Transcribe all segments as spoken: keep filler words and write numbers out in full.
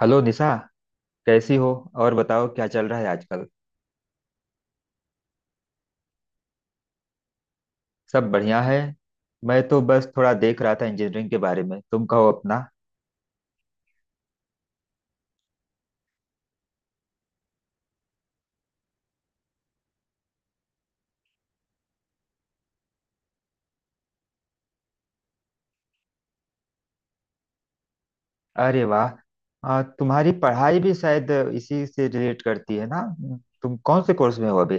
Hello Nisha. कैसी हो? और बताओ क्या चल रहा है आजकल? सब बढ़िया है। मैं तो बस थोड़ा देख रहा था इंजीनियरिंग के बारे में। तुम कहो अपना। अरे वाह। आ, तुम्हारी पढ़ाई भी शायद इसी से रिलेट करती है ना? तुम कौन से कोर्स में हो अभी?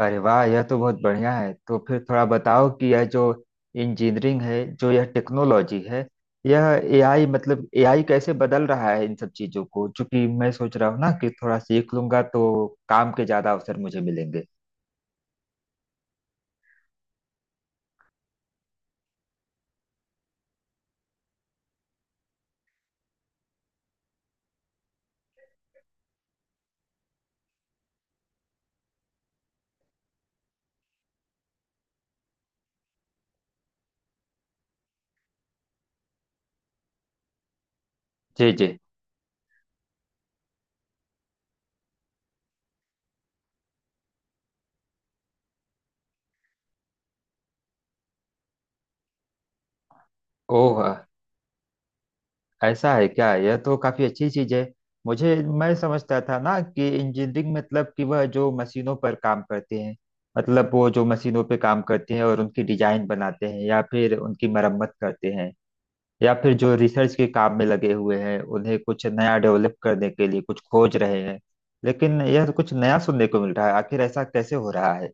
अरे वाह, यह तो बहुत बढ़िया है। तो फिर थोड़ा बताओ कि यह जो इंजीनियरिंग है, जो यह टेक्नोलॉजी है, यह ए आई, मतलब ए आई कैसे बदल रहा है इन सब चीजों को, क्योंकि मैं सोच रहा हूँ ना कि थोड़ा सीख लूंगा तो काम के ज्यादा अवसर मुझे मिलेंगे। जी जी। ओह, ऐसा है क्या? यह तो काफी अच्छी चीज है। मुझे, मैं समझता था ना कि इंजीनियरिंग मतलब कि वह जो मशीनों पर काम करते हैं, मतलब वो जो मशीनों पे काम करते हैं और उनकी डिजाइन बनाते हैं या फिर उनकी मरम्मत करते हैं, या फिर जो रिसर्च के काम में लगे हुए हैं उन्हें कुछ नया डेवलप करने के लिए कुछ खोज रहे हैं। लेकिन यह तो कुछ नया सुनने को मिल रहा है। आखिर ऐसा कैसे हो रहा है?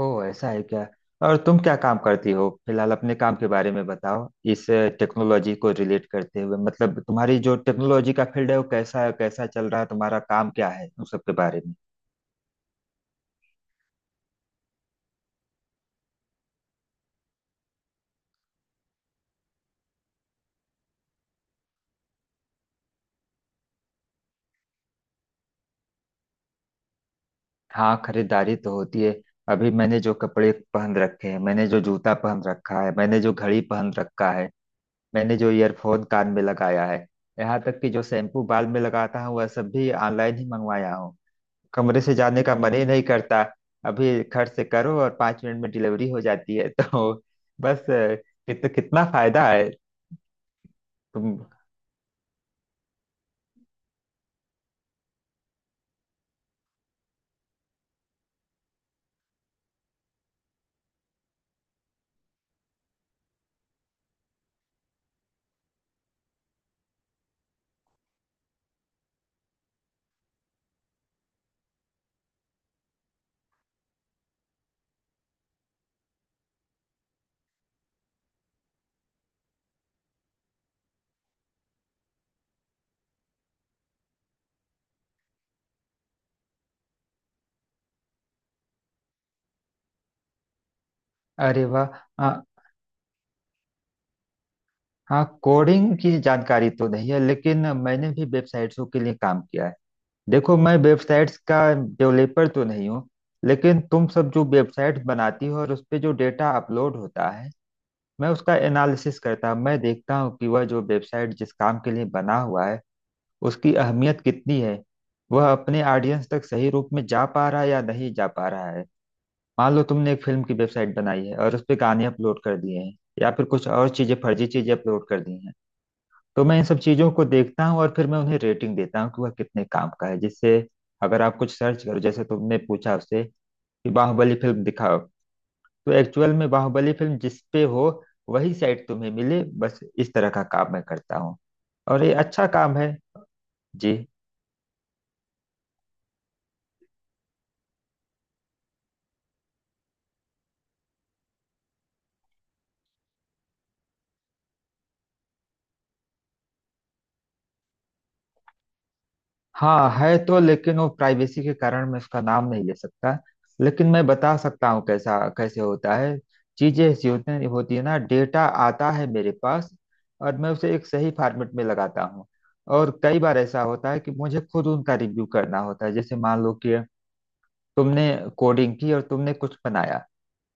ओह, ऐसा है क्या? और तुम क्या काम करती हो फिलहाल? अपने काम के बारे में बताओ। इस टेक्नोलॉजी को रिलेट करते हुए, मतलब तुम्हारी जो टेक्नोलॉजी का फील्ड है, वो कैसा है, कैसा चल रहा है, तुम्हारा काम क्या है, उन सब के बारे में। हाँ, खरीदारी तो होती है। अभी मैंने जो कपड़े पहन रखे हैं, मैंने जो जूता पहन रखा है, मैंने जो घड़ी पहन रखा है, मैंने जो ईयरफोन कान में लगाया है, यहाँ तक कि जो शैम्पू बाल में लगाता हूँ, वह सब भी ऑनलाइन ही मंगवाया हूँ। कमरे से जाने का मन ही नहीं करता। अभी खर्च से करो और पाँच मिनट में डिलीवरी हो जाती है तो बस अ, कित, कितना फायदा है। तुम। अरे वाह। हाँ हाँ, कोडिंग की जानकारी तो नहीं है लेकिन मैंने भी वेबसाइट्सों के लिए काम किया है। देखो, मैं वेबसाइट्स का डेवलपर तो नहीं हूँ, लेकिन तुम सब जो वेबसाइट बनाती हो और उस पे जो डेटा अपलोड होता है, मैं उसका एनालिसिस करता हूँ। मैं देखता हूँ कि वह जो वेबसाइट जिस काम के लिए बना हुआ है, उसकी अहमियत कितनी है, वह अपने ऑडियंस तक सही रूप में जा पा रहा है या नहीं जा पा रहा है। मान लो तुमने एक फिल्म की वेबसाइट बनाई है और उस पर गाने अपलोड कर दिए हैं, या फिर कुछ और चीजें, फर्जी चीजें अपलोड कर दी हैं, तो मैं इन सब चीजों को देखता हूँ और फिर मैं उन्हें रेटिंग देता हूँ कि वह कितने काम का है, जिससे अगर आप कुछ सर्च करो, जैसे तुमने पूछा उससे कि बाहुबली फिल्म दिखाओ, तो एक्चुअल में बाहुबली फिल्म जिस पे हो वही साइट तुम्हें मिले। बस इस तरह का काम मैं करता हूँ। और ये अच्छा काम है। जी। हाँ, है तो, लेकिन वो प्राइवेसी के कारण मैं उसका नाम नहीं ले सकता। लेकिन मैं बता सकता हूँ कैसा, कैसे होता है। चीजें ऐसी होती हैं- होती है ना, डेटा आता है मेरे पास और मैं उसे एक सही फॉर्मेट में लगाता हूँ। और कई बार ऐसा होता है कि मुझे खुद उनका रिव्यू करना होता है। जैसे मान लो कि तुमने कोडिंग की और तुमने कुछ बनाया,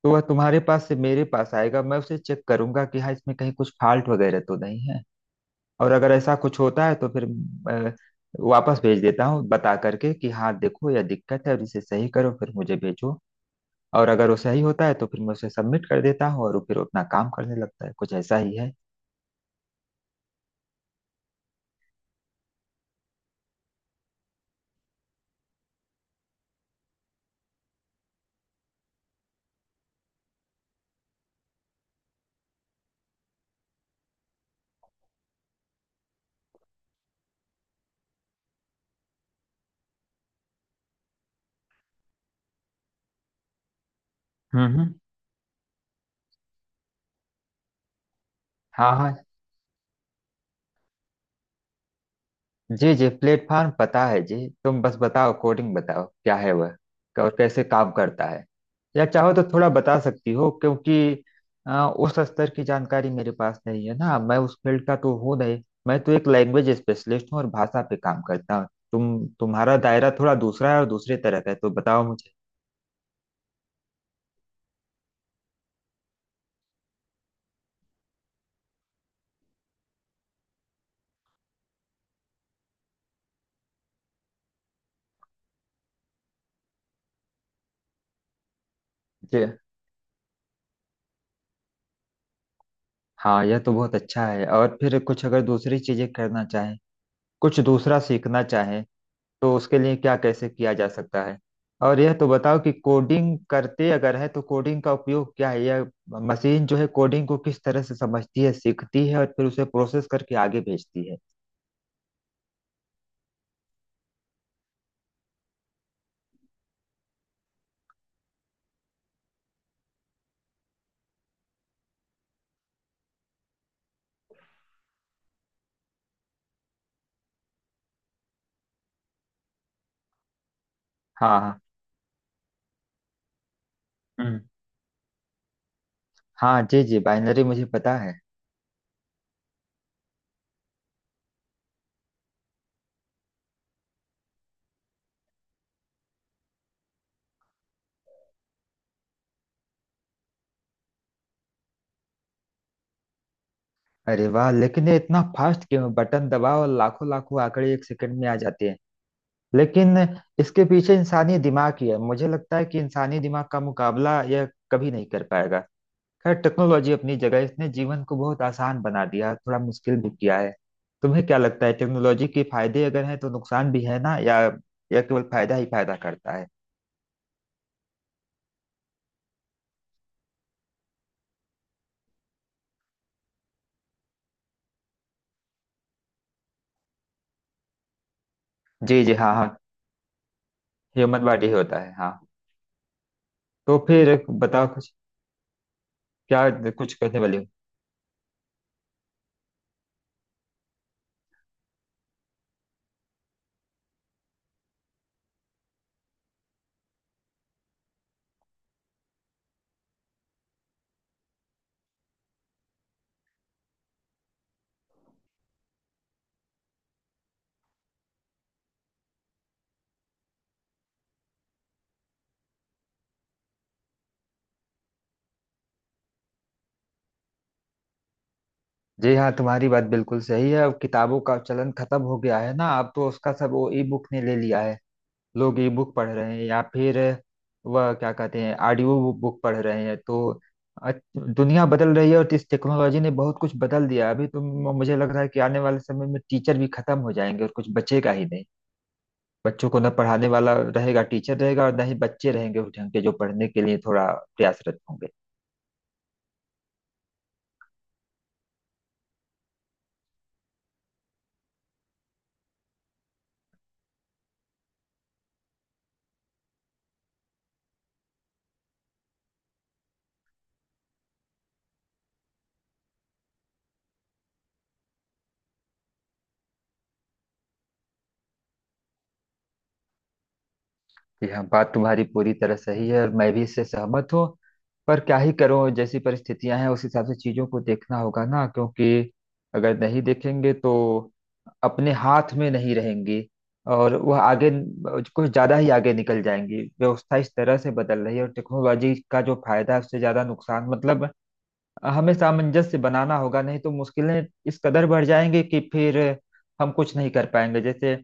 तो वह तुम्हारे पास से मेरे पास आएगा, मैं उसे चेक करूंगा कि हाँ इसमें कहीं कुछ फॉल्ट वगैरह तो नहीं है। और अगर ऐसा कुछ होता है तो फिर अ, वापस भेज देता हूँ बता करके कि हाँ देखो यह दिक्कत है और इसे सही करो फिर मुझे भेजो। और अगर वो सही होता है तो फिर मैं उसे सबमिट कर देता हूँ और वो फिर अपना काम करने लगता है। कुछ ऐसा ही है। हम्म हम्म। हाँ हाँ। जी जी, प्लेटफॉर्म पता है जी। तुम बस बताओ, कोडिंग बताओ क्या है वह, क- और कैसे काम करता है। या चाहो तो थोड़ा बता सकती हो, क्योंकि अ, उस स्तर की जानकारी मेरे पास नहीं है ना। मैं उस फील्ड का तो हूँ नहीं। मैं तो एक लैंग्वेज स्पेशलिस्ट हूँ और भाषा पे काम करता हूँ। तुम तुम्हारा दायरा थोड़ा दूसरा है और दूसरे तरह का है, तो बताओ मुझे। जी हाँ, यह तो बहुत अच्छा है। और फिर कुछ अगर दूसरी चीजें करना चाहें, कुछ दूसरा सीखना चाहें, तो उसके लिए क्या कैसे किया जा सकता है? और यह तो बताओ कि कोडिंग करते अगर है तो कोडिंग का उपयोग क्या है? यह मशीन जो है कोडिंग को किस तरह से समझती है, सीखती है और फिर उसे प्रोसेस करके आगे भेजती है? हाँ हाँ। हम्म। हाँ जी जी, बाइनरी मुझे पता है। अरे वाह, लेकिन ये इतना फास्ट क्यों है? बटन दबाओ और लाखों लाखों आंकड़े एक सेकंड में आ जाते हैं। लेकिन इसके पीछे इंसानी दिमाग ही है। मुझे लगता है कि इंसानी दिमाग का मुकाबला यह कभी नहीं कर पाएगा। खैर, टेक्नोलॉजी अपनी जगह है, इसने जीवन को बहुत आसान बना दिया, थोड़ा मुश्किल भी किया है। तुम्हें क्या लगता है, टेक्नोलॉजी के फायदे अगर हैं तो नुकसान भी है ना? या या केवल फायदा ही फायदा करता है? जी जी। हाँ हाँ, ह्यूमन बॉडी ही होता है हाँ। तो फिर बताओ कुछ। क्या कुछ कहने वाली हो? जी हाँ, तुम्हारी बात बिल्कुल सही है। अब किताबों का चलन खत्म हो गया है ना। अब तो उसका सब वो ई बुक ने ले लिया है। लोग ई बुक पढ़ रहे हैं या फिर वह क्या कहते हैं, ऑडियो बुक पढ़ रहे हैं। तो अ- दुनिया बदल रही है और इस टेक्नोलॉजी ने बहुत कुछ बदल दिया। अभी तो म- मुझे लग रहा है कि आने वाले समय में टीचर भी खत्म हो जाएंगे और कुछ बचेगा ही नहीं। बच्चों को न पढ़ाने वाला रहेगा टीचर रहेगा और न ही बच्चे रहेंगे उस ढंग के जो पढ़ने के लिए थोड़ा प्रयासरत होंगे। कि हाँ, बात तुम्हारी पूरी तरह सही है और मैं भी इससे सहमत हूँ। पर क्या ही करूँ, जैसी परिस्थितियां हैं उस हिसाब से चीजों को देखना होगा ना। क्योंकि अगर नहीं देखेंगे तो अपने हाथ में नहीं रहेंगी और वह आगे कुछ ज्यादा ही आगे निकल जाएंगी। व्यवस्था इस तरह से बदल रही है और टेक्नोलॉजी का जो फायदा है उससे ज्यादा नुकसान, मतलब हमें सामंजस्य बनाना होगा, नहीं तो मुश्किलें इस कदर बढ़ जाएंगी कि फिर हम कुछ नहीं कर पाएंगे। जैसे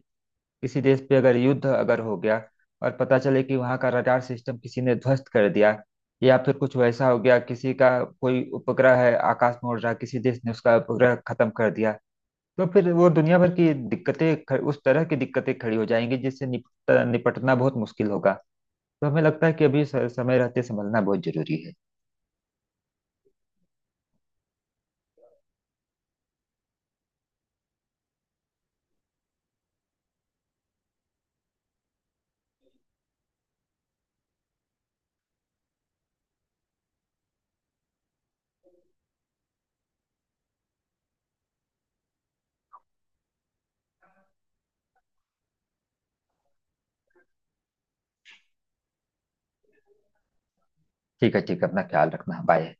किसी देश पे अगर युद्ध अगर हो गया और पता चले कि वहाँ का रडार सिस्टम किसी ने ध्वस्त कर दिया, या फिर कुछ वैसा हो गया किसी का, कोई उपग्रह है आकाश में उड़ रहा, किसी देश ने उसका उपग्रह खत्म कर दिया, तो फिर वो दुनिया भर की दिक्कतें ख- उस तरह की दिक्कतें खड़ी हो जाएंगी जिससे निपट, निपटना बहुत मुश्किल होगा। तो हमें लगता है कि अभी स- समय रहते संभलना बहुत जरूरी है। ठीक है ठीक है, अपना ख्याल रखना, बाय।